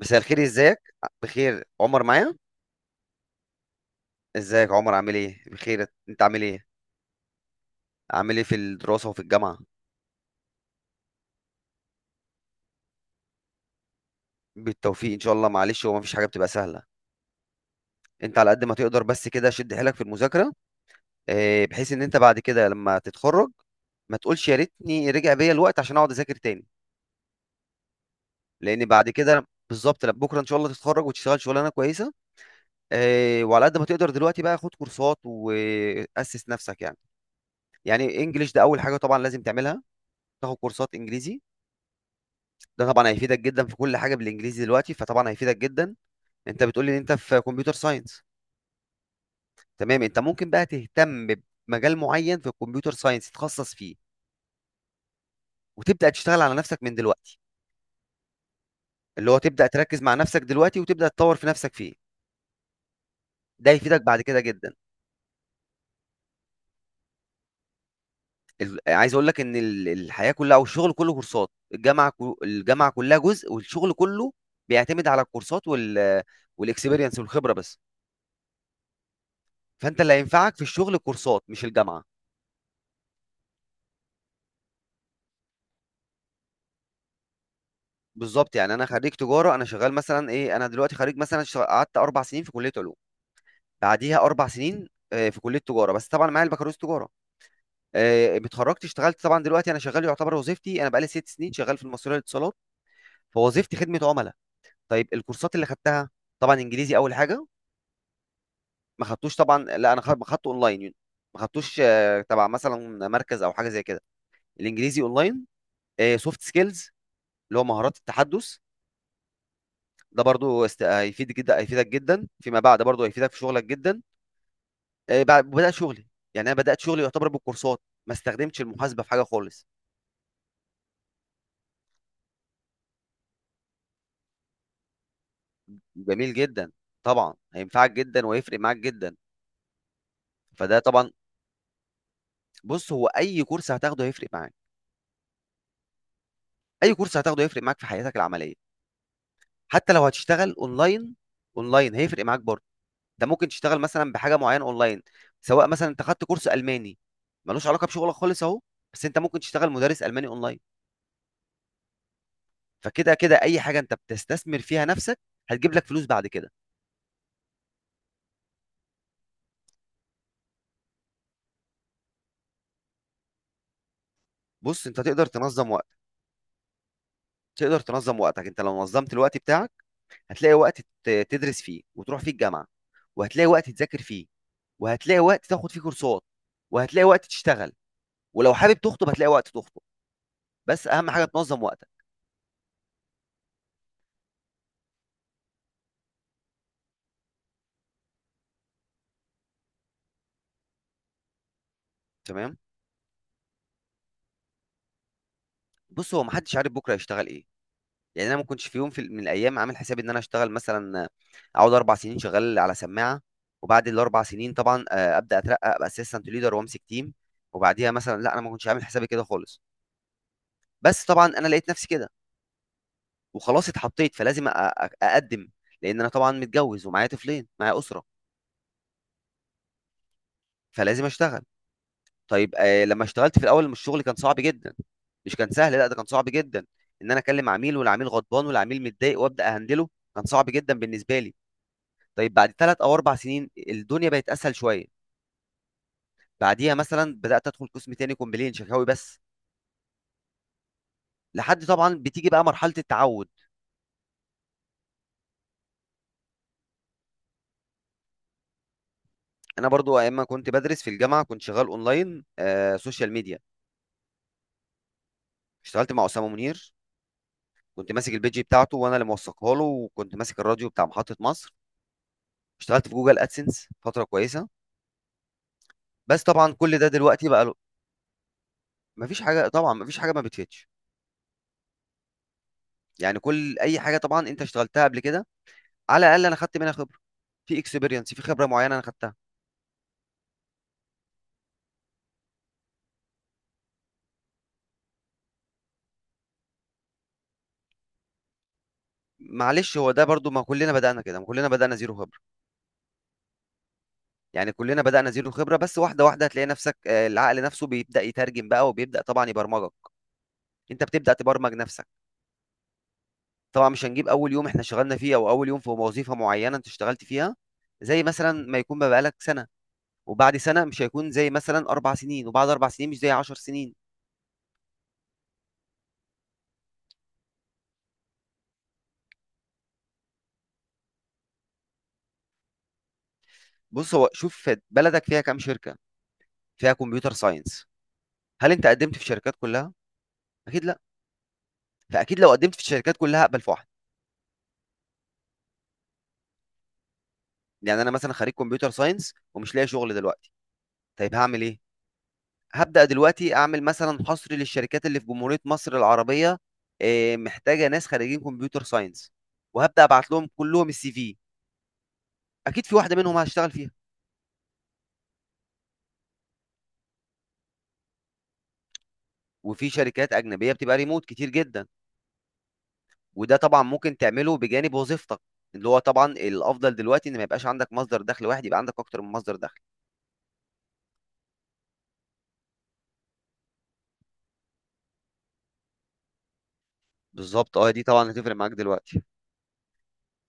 مساء الخير، ازيك؟ بخير، عمر معايا. ازيك عمر؟ عامل ايه؟ بخير، انت عامل ايه؟ عامل ايه في الدراسة وفي الجامعة؟ بالتوفيق ان شاء الله. معلش، هو مفيش حاجة بتبقى سهلة. انت على قد ما تقدر بس كده شد حيلك في المذاكرة. اه، بحيث ان انت بعد كده لما تتخرج ما تقولش يا ريتني رجع بيا الوقت عشان اقعد اذاكر تاني. لان بعد كده بالظبط، لا، بكره ان شاء الله تتخرج وتشتغل شغلانه كويسه. وعلى قد ما تقدر دلوقتي بقى خد كورسات واسس نفسك يعني. يعني انجليش ده اول حاجه طبعا لازم تعملها، تاخد كورسات انجليزي. ده طبعا هيفيدك جدا في كل حاجه بالانجليزي دلوقتي فطبعا هيفيدك جدا. انت بتقول لي ان انت في كمبيوتر ساينس. تمام، انت ممكن بقى تهتم بمجال معين في الكمبيوتر ساينس تتخصص فيه، وتبدا تشتغل على نفسك من دلوقتي، اللي هو تبدا تركز مع نفسك دلوقتي وتبدا تطور في نفسك فيه. ده هيفيدك بعد كده جدا. عايز اقول لك ان الحياه كلها او الشغل كله كورسات. الجامعه الجامعه كلها جزء والشغل كله بيعتمد على الكورسات والاكسبيرينس والخبره بس. فانت اللي هينفعك في الشغل كورسات مش الجامعه. بالظبط، يعني انا خريج تجاره، انا شغال مثلا ايه. انا دلوقتي خريج مثلا، قعدت 4 سنين في كليه علوم، بعديها 4 سنين في كليه تجاره، بس طبعا معايا البكالوريوس تجاره. اتخرجت اشتغلت، طبعا دلوقتي انا شغال يعتبر. وظيفتي، انا بقالي 6 سنين شغال في المصرية للاتصالات. فوظيفتي خدمه عملاء. طيب، الكورسات اللي خدتها، طبعا انجليزي اول حاجه. ما خدتوش طبعا، لا انا خدته اونلاين يعني. ما خدتوش تبع مثلا مركز او حاجه زي كده. الانجليزي اونلاين. سوفت سكيلز اللي هو مهارات التحدث، ده برضو هيفيد جدا، هيفيدك جدا فيما بعد، برضو هيفيدك في شغلك جدا. بدأت شغلي، يعني انا بدأت شغلي يعتبر بالكورسات، ما استخدمتش المحاسبة في حاجة خالص. جميل جدا، طبعا هينفعك جدا ويفرق معاك جدا. فده طبعا. بص، هو اي كورس هتاخده هيفرق معاك. اي كورس هتاخده هيفرق معاك في حياتك العملية. حتى لو هتشتغل اونلاين، اونلاين هيفرق معاك برضو. ده ممكن تشتغل مثلا بحاجة معينة اونلاين. سواء مثلا انت خدت كورس الماني ملوش علاقة بشغلك خالص اهو، بس انت ممكن تشتغل مدرس الماني اونلاين. فكده كده، اي حاجه انت بتستثمر فيها نفسك هتجيب لك فلوس بعد كده. بص، انت تقدر تنظم وقتك. تقدر تنظم وقتك، انت لو نظمت الوقت بتاعك هتلاقي وقت تدرس فيه وتروح فيه الجامعه، وهتلاقي وقت تذاكر فيه، وهتلاقي وقت تاخد فيه كورسات، وهتلاقي وقت تشتغل. ولو حابب تخطب هتلاقي وقت تخطب. بس اهم حاجه تنظم وقتك. تمام. بص، هو محدش عارف بكره هيشتغل ايه. يعني انا ما كنتش في يوم من الايام عامل حسابي ان انا اشتغل مثلا، اقعد 4 سنين شغال على سماعه وبعد الاربع سنين طبعا، ابدا اترقى ابقى اسيستنت ليدر وامسك تيم. وبعديها مثلا، لا انا ما كنتش عامل حسابي كده خالص. بس طبعا انا لقيت نفسي كده وخلاص اتحطيت، فلازم اقدم. لان انا طبعا متجوز ومعايا طفلين معايا اسره، فلازم اشتغل. طيب، لما اشتغلت في الاول الشغل كان صعب جدا، مش كان سهل، لا ده كان صعب جدا. ان انا اكلم عميل والعميل غضبان والعميل متضايق وابدا اهندله، كان صعب جدا بالنسبه لي. طيب، بعد 3 او 4 سنين الدنيا بقت اسهل شويه. بعديها مثلا بدات ادخل قسم تاني كومبلين شكاوي بس. لحد طبعا بتيجي بقى مرحله التعود. انا برضو ايام ما كنت بدرس في الجامعه كنت شغال اونلاين سوشيال ميديا. اشتغلت مع اسامه منير. كنت ماسك البيج بتاعته وانا اللي موثقها له، وكنت ماسك الراديو بتاع محطه مصر. اشتغلت في جوجل ادسنس فتره كويسه. بس طبعا كل ده دلوقتي بقى له. مفيش حاجه طبعا، مفيش حاجه ما بتفيدش. يعني كل اي حاجه طبعا انت اشتغلتها قبل كده، على الاقل انا خدت منها خبره، في اكسبيرينس، في خبره معينه انا خدتها. معلش، هو ده برضو ما كلنا بدأنا كده، ما كلنا بدأنا زيرو خبرة. يعني كلنا بدأنا زيرو خبرة، بس واحدة واحدة هتلاقي نفسك. العقل نفسه بيبدأ يترجم بقى وبيبدأ طبعا يبرمجك. انت بتبدأ تبرمج نفسك. طبعا مش هنجيب اول يوم احنا اشتغلنا فيه او اول يوم في وظيفة معينة انت اشتغلت فيها زي مثلا ما يكون بقى بقالك سنة، وبعد سنة مش هيكون زي مثلا 4 سنين، وبعد 4 سنين مش زي 10 سنين. بص، هو شوف بلدك فيها كام شركة فيها كمبيوتر ساينس. هل انت قدمت في الشركات كلها؟ اكيد لا. فاكيد لو قدمت في الشركات كلها هقبل في واحدة. يعني انا مثلا خريج كمبيوتر ساينس ومش لاقي شغل دلوقتي. طيب هعمل ايه؟ هبدأ دلوقتي اعمل مثلا حصر للشركات اللي في جمهورية مصر العربية محتاجة ناس خريجين كمبيوتر ساينس، وهبدأ ابعت لهم كلهم السي في. اكيد في واحدة منهم هشتغل فيها. وفي شركات أجنبية بتبقى ريموت كتير جدا، وده طبعا ممكن تعمله بجانب وظيفتك. اللي هو طبعا الافضل دلوقتي ان ما يبقاش عندك مصدر دخل واحد، يبقى عندك اكتر من مصدر دخل. بالظبط، اه دي طبعا هتفرق معاك دلوقتي.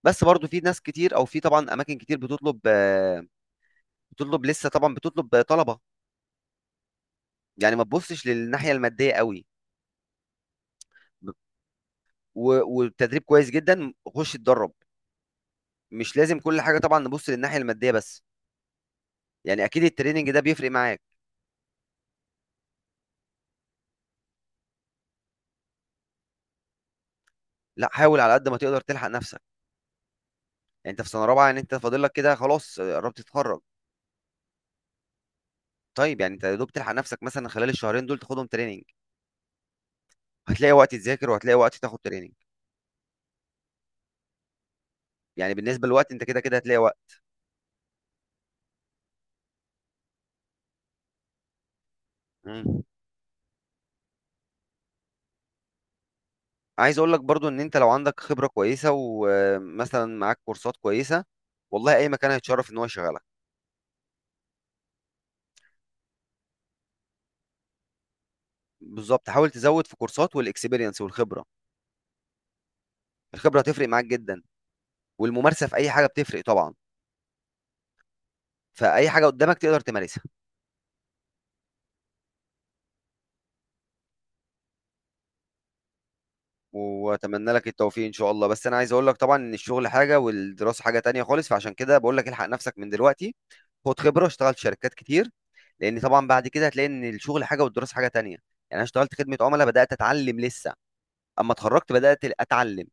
بس برضو في ناس كتير او في طبعا اماكن كتير بتطلب لسه، طبعا بتطلب طلبه. يعني ما تبصش للناحيه الماديه قوي. ب- والتدريب كويس جدا، خش اتدرب. مش لازم كل حاجه طبعا نبص للناحيه الماديه بس. يعني اكيد التريننج ده بيفرق معاك. لا، حاول على قد ما تقدر تلحق نفسك. يعني انت في سنه رابعه، يعني انت فاضل لك كده خلاص قربت تتخرج. طيب، يعني انت يا دوب تلحق نفسك مثلا خلال الشهرين دول تاخدهم تريننج. هتلاقي وقت تذاكر وهتلاقي وقت تاخد تريننج. يعني بالنسبه للوقت انت كده كده هتلاقي وقت. مم. عايز اقول لك برضو ان انت لو عندك خبرة كويسة ومثلا معاك كورسات كويسة، والله اي مكان هيتشرف ان هو يشغلك. بالظبط، حاول تزود في كورسات والاكسبيرينس والخبرة. الخبرة هتفرق معاك جدا، والممارسة في اي حاجة بتفرق طبعا. فاي حاجة قدامك تقدر تمارسها. واتمنى لك التوفيق ان شاء الله. بس انا عايز اقول لك طبعا ان الشغل حاجة والدراسة حاجة تانية خالص، فعشان كده بقول لك الحق نفسك من دلوقتي. خد خبرة، اشتغل في شركات كتير. لان طبعا بعد كده هتلاقي ان الشغل حاجة والدراسة حاجة تانية. يعني انا اشتغلت خدمة عملاء بدأت اتعلم لسه، اما اتخرجت بدات اتعلم.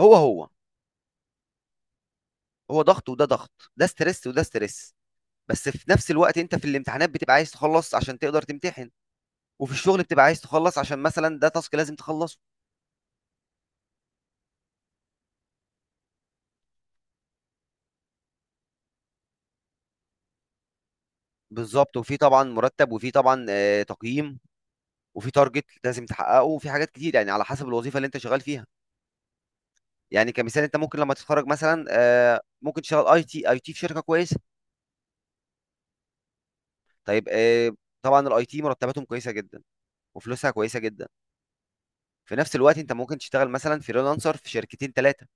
هو هو. هو ضغط وده ضغط، ده ستريس وده ستريس. بس في نفس الوقت انت في الامتحانات بتبقى عايز تخلص عشان تقدر تمتحن، وفي الشغل بتبقى عايز تخلص عشان مثلا ده تاسك لازم تخلصه. بالظبط، وفي طبعا مرتب، وفي طبعا تقييم، وفي تارجت لازم تحققه، وفي حاجات كتير يعني على حسب الوظيفه اللي انت شغال فيها. يعني كمثال، انت ممكن لما تتخرج مثلا ممكن تشتغل اي تي في شركه كويسه. طيب، طبعا الاي تي مرتباتهم كويسه جدا وفلوسها كويسه جدا. في نفس الوقت انت ممكن تشتغل مثلا فريلانسر في شركتين ثلاثه.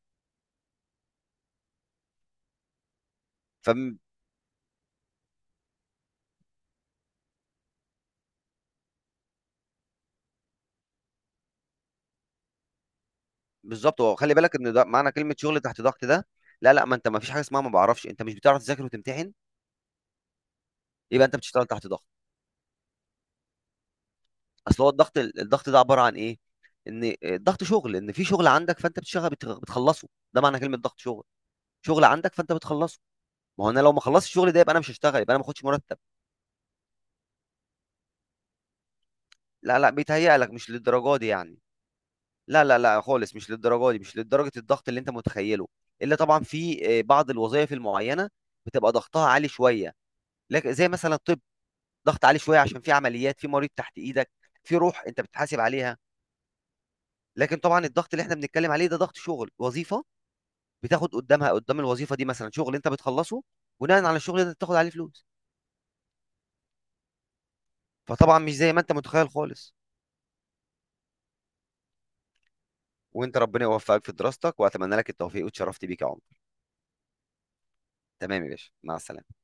فبالظبط، هو خلي بالك ان ده معنى كلمه شغل تحت ضغط ده. لا، لا، ما انت ما فيش حاجه اسمها ما بعرفش. انت مش بتعرف تذاكر وتمتحن؟ يبقى انت بتشتغل تحت ضغط. اصل هو الضغط ده عباره عن ايه؟ ان الضغط شغل، ان في شغل عندك فانت بتشتغل بتخلصه. ده معنى كلمه ضغط شغل. شغل عندك فانت بتخلصه. ما هو انا لو ما خلصتش الشغل ده يبقى انا مش هشتغل، يبقى انا ما باخدش مرتب. لا، لا، بيتهيأ لك مش للدرجه دي يعني. لا، لا، لا، خالص مش للدرجه دي، مش لدرجه الضغط اللي انت متخيله. الا طبعا في بعض الوظائف المعينه بتبقى ضغطها عالي شويه. لكن زي مثلا الطب، ضغط عالي شويه عشان في عمليات، في مريض تحت ايدك، في روح انت بتحاسب عليها. لكن طبعا الضغط اللي احنا بنتكلم عليه ده ضغط شغل، وظيفه بتاخد قدام الوظيفه دي مثلا شغل انت بتخلصه، بناء على الشغل ده انت بتاخد عليه فلوس. فطبعا مش زي ما انت متخيل خالص. وانت ربنا يوفقك في دراستك، واتمنى لك التوفيق، واتشرفت بيك يا عمر. تمام يا باشا، مع السلامه.